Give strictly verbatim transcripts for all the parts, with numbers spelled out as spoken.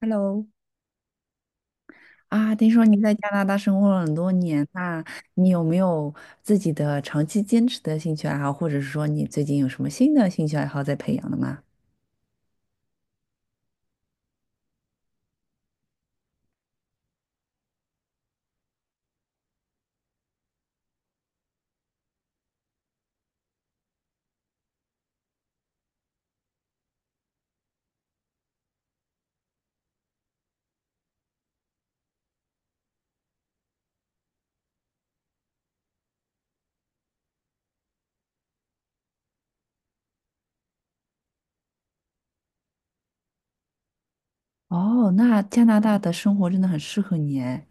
Hello，啊，听说你在加拿大生活了很多年，那你有没有自己的长期坚持的兴趣爱好，或者是说你最近有什么新的兴趣爱好在培养的吗？哦，那加拿大的生活真的很适合你哎。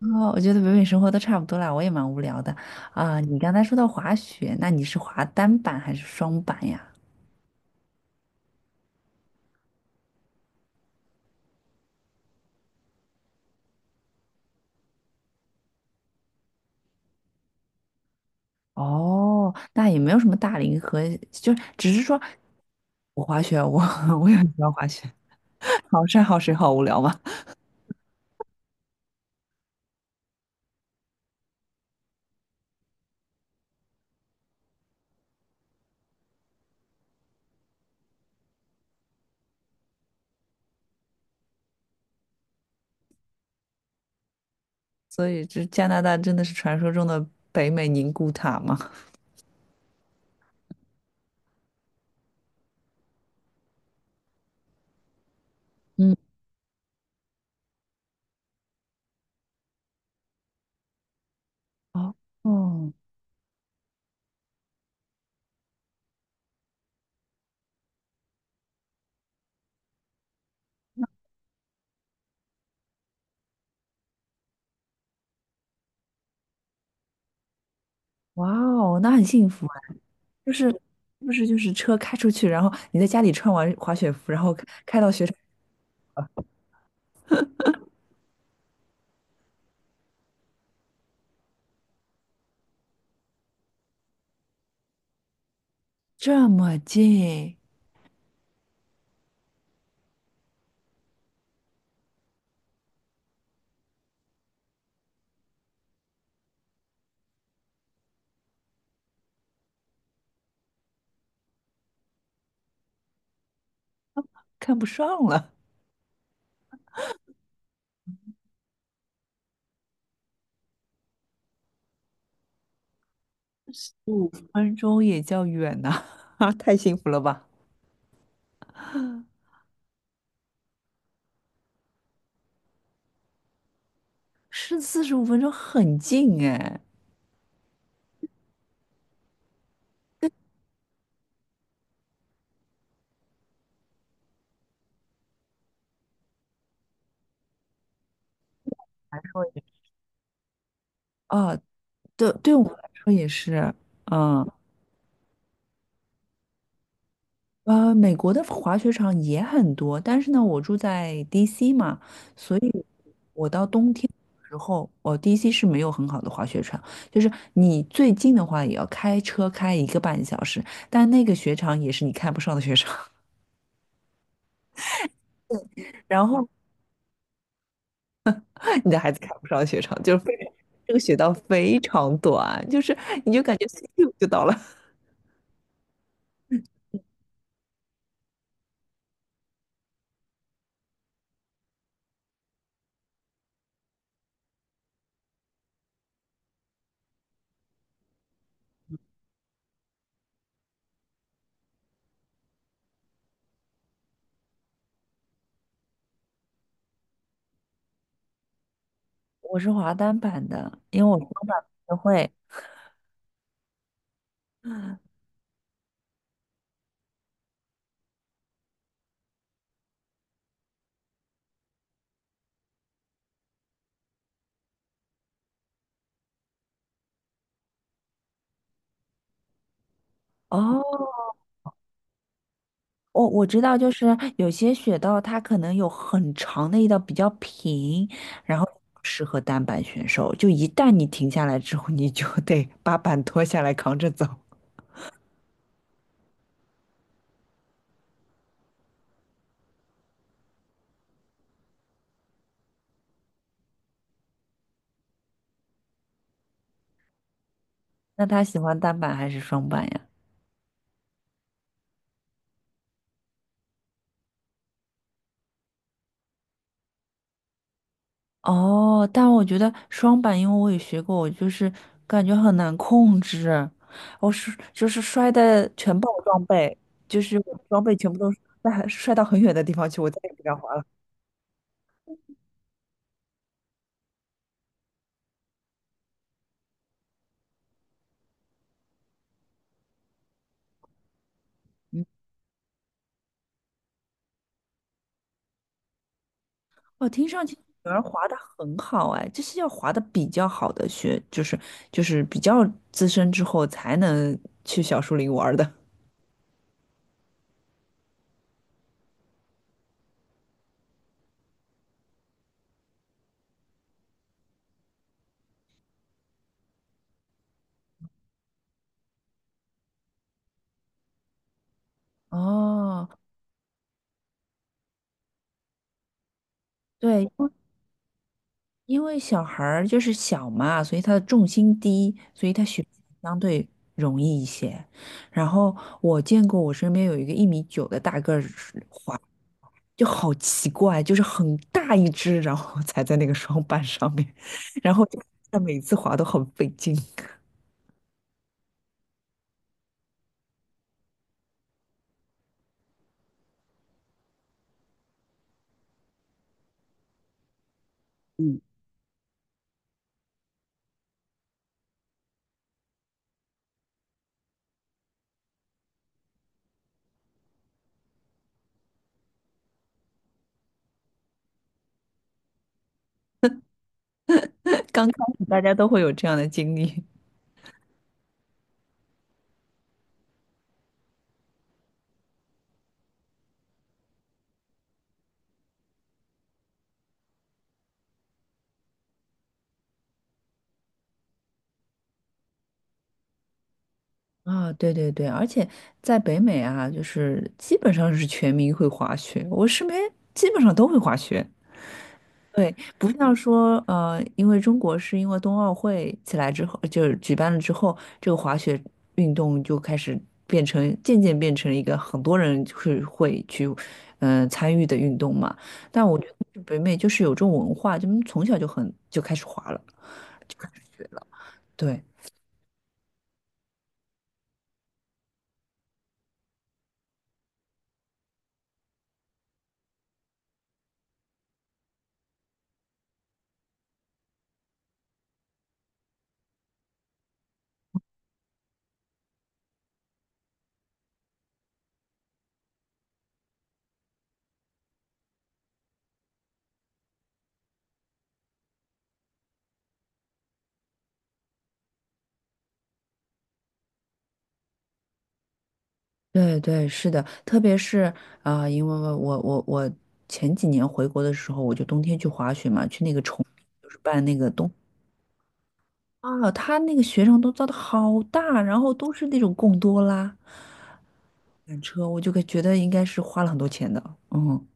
哦，我觉得北美生活都差不多啦，我也蛮无聊的。啊、你刚才说到滑雪，那你是滑单板还是双板呀？哦，那也没有什么大龄和，就是只是说我滑雪，我 我也很喜欢滑雪，好山好水好无聊嘛。所以这加拿大真的是传说中的北美宁古塔吗？嗯，哦哦，哇哦，那很幸福啊！就是是不是就是车开出去，然后你在家里穿完滑雪服，然后开开到雪场，这么近，看不上了，五分钟也叫远呐、啊，太幸福了吧！是四十五分钟很近哎，啊，对，对我们来说也是，嗯。呃，美国的滑雪场也很多，但是呢，我住在 D C 嘛，所以。时候，哦，D C 是没有很好的滑雪场，就是你最近的话也要开车开一个半小时，但那个雪场也是你看不上的雪场，然后你的孩子看不上的雪场，就是非常这个雪道非常短，就是你就感觉 咻就到了。我是滑单板的，因为我双板不会。哦，我我知道，就是有些雪道它可能有很长的一道比较平，然后适合单板选手。就一旦你停下来之后，你就得 把板脱下来扛着走。那他喜欢单板还是双板呀？哦，但我觉得双板，因为我也学过，我就是感觉很难控制，我是就是摔的全爆装备，就是我装备全部都摔摔到很远的地方去，我再也不敢滑了。哦，听上去女儿滑的很好哎，这是要滑的比较好的学，就是就是比较资深之后才能去小树林玩儿的。哦，对，因为小孩儿就是小嘛，所以他的重心低，所以他学习相对容易一些。然后我见过我身边有一个一米九的大个儿滑，就好奇怪，就是很大一只，然后 踩在那个双板上面，然后就他每次滑都很费劲。刚开始大家都会有这样的经历。啊，对对对，而且在北美啊，就是基本上是全民会滑雪，我身边基本上都会滑雪。对，不像说呃，因为中国是因为冬奥会起来之后，就是举办了之后，这个滑雪运动就开始变成渐渐变成一个很多人就是会去嗯、呃参与的运动嘛。但我觉得北美就是有这种文化，就从小就很就开始滑了。对了。对对对，是的，特别是啊、呃因为我我我前几年回国的时候，我就冬天去滑雪嘛，去那个崇，就是办那个冬啊，他那个雪场都造的好大，然后都是那种贡多拉缆车，我就会觉得应该是花了很多钱的，嗯，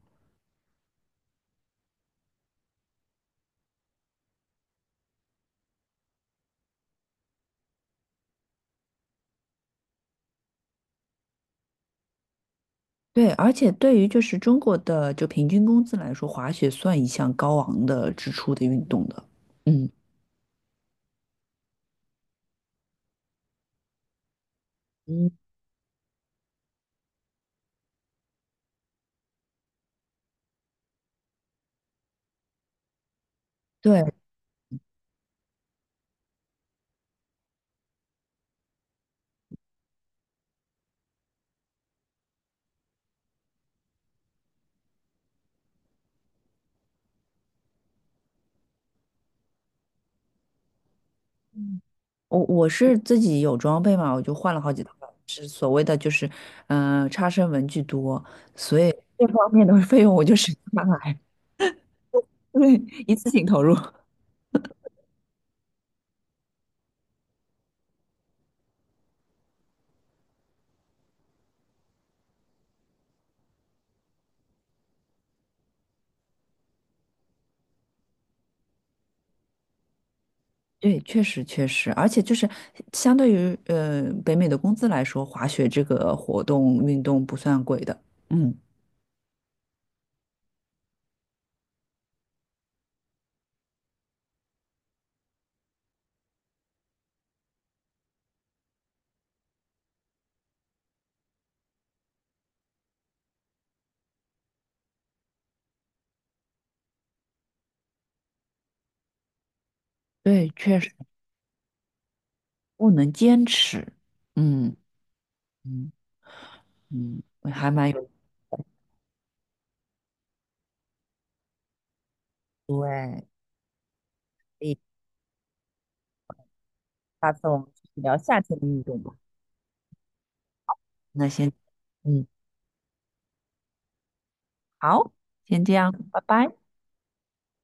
对，而且对于就是中国的就平均工资来说，滑雪算一项高昂的支出的运动的，嗯嗯，对。我我是自己有装备嘛，我就换了好几套，是所谓的就是，嗯，差生文具多，所以这方面的 费用我就省下来，对，一次性投入。对，确实确实，而且就是相对于呃北美的工资来说，滑雪这个活动运动不算贵的。嗯，对，确实不能坚持。嗯嗯嗯，我还蛮有。对，所以下次我们继续聊夏天的运动吧。那先。嗯。好，先这样，拜拜。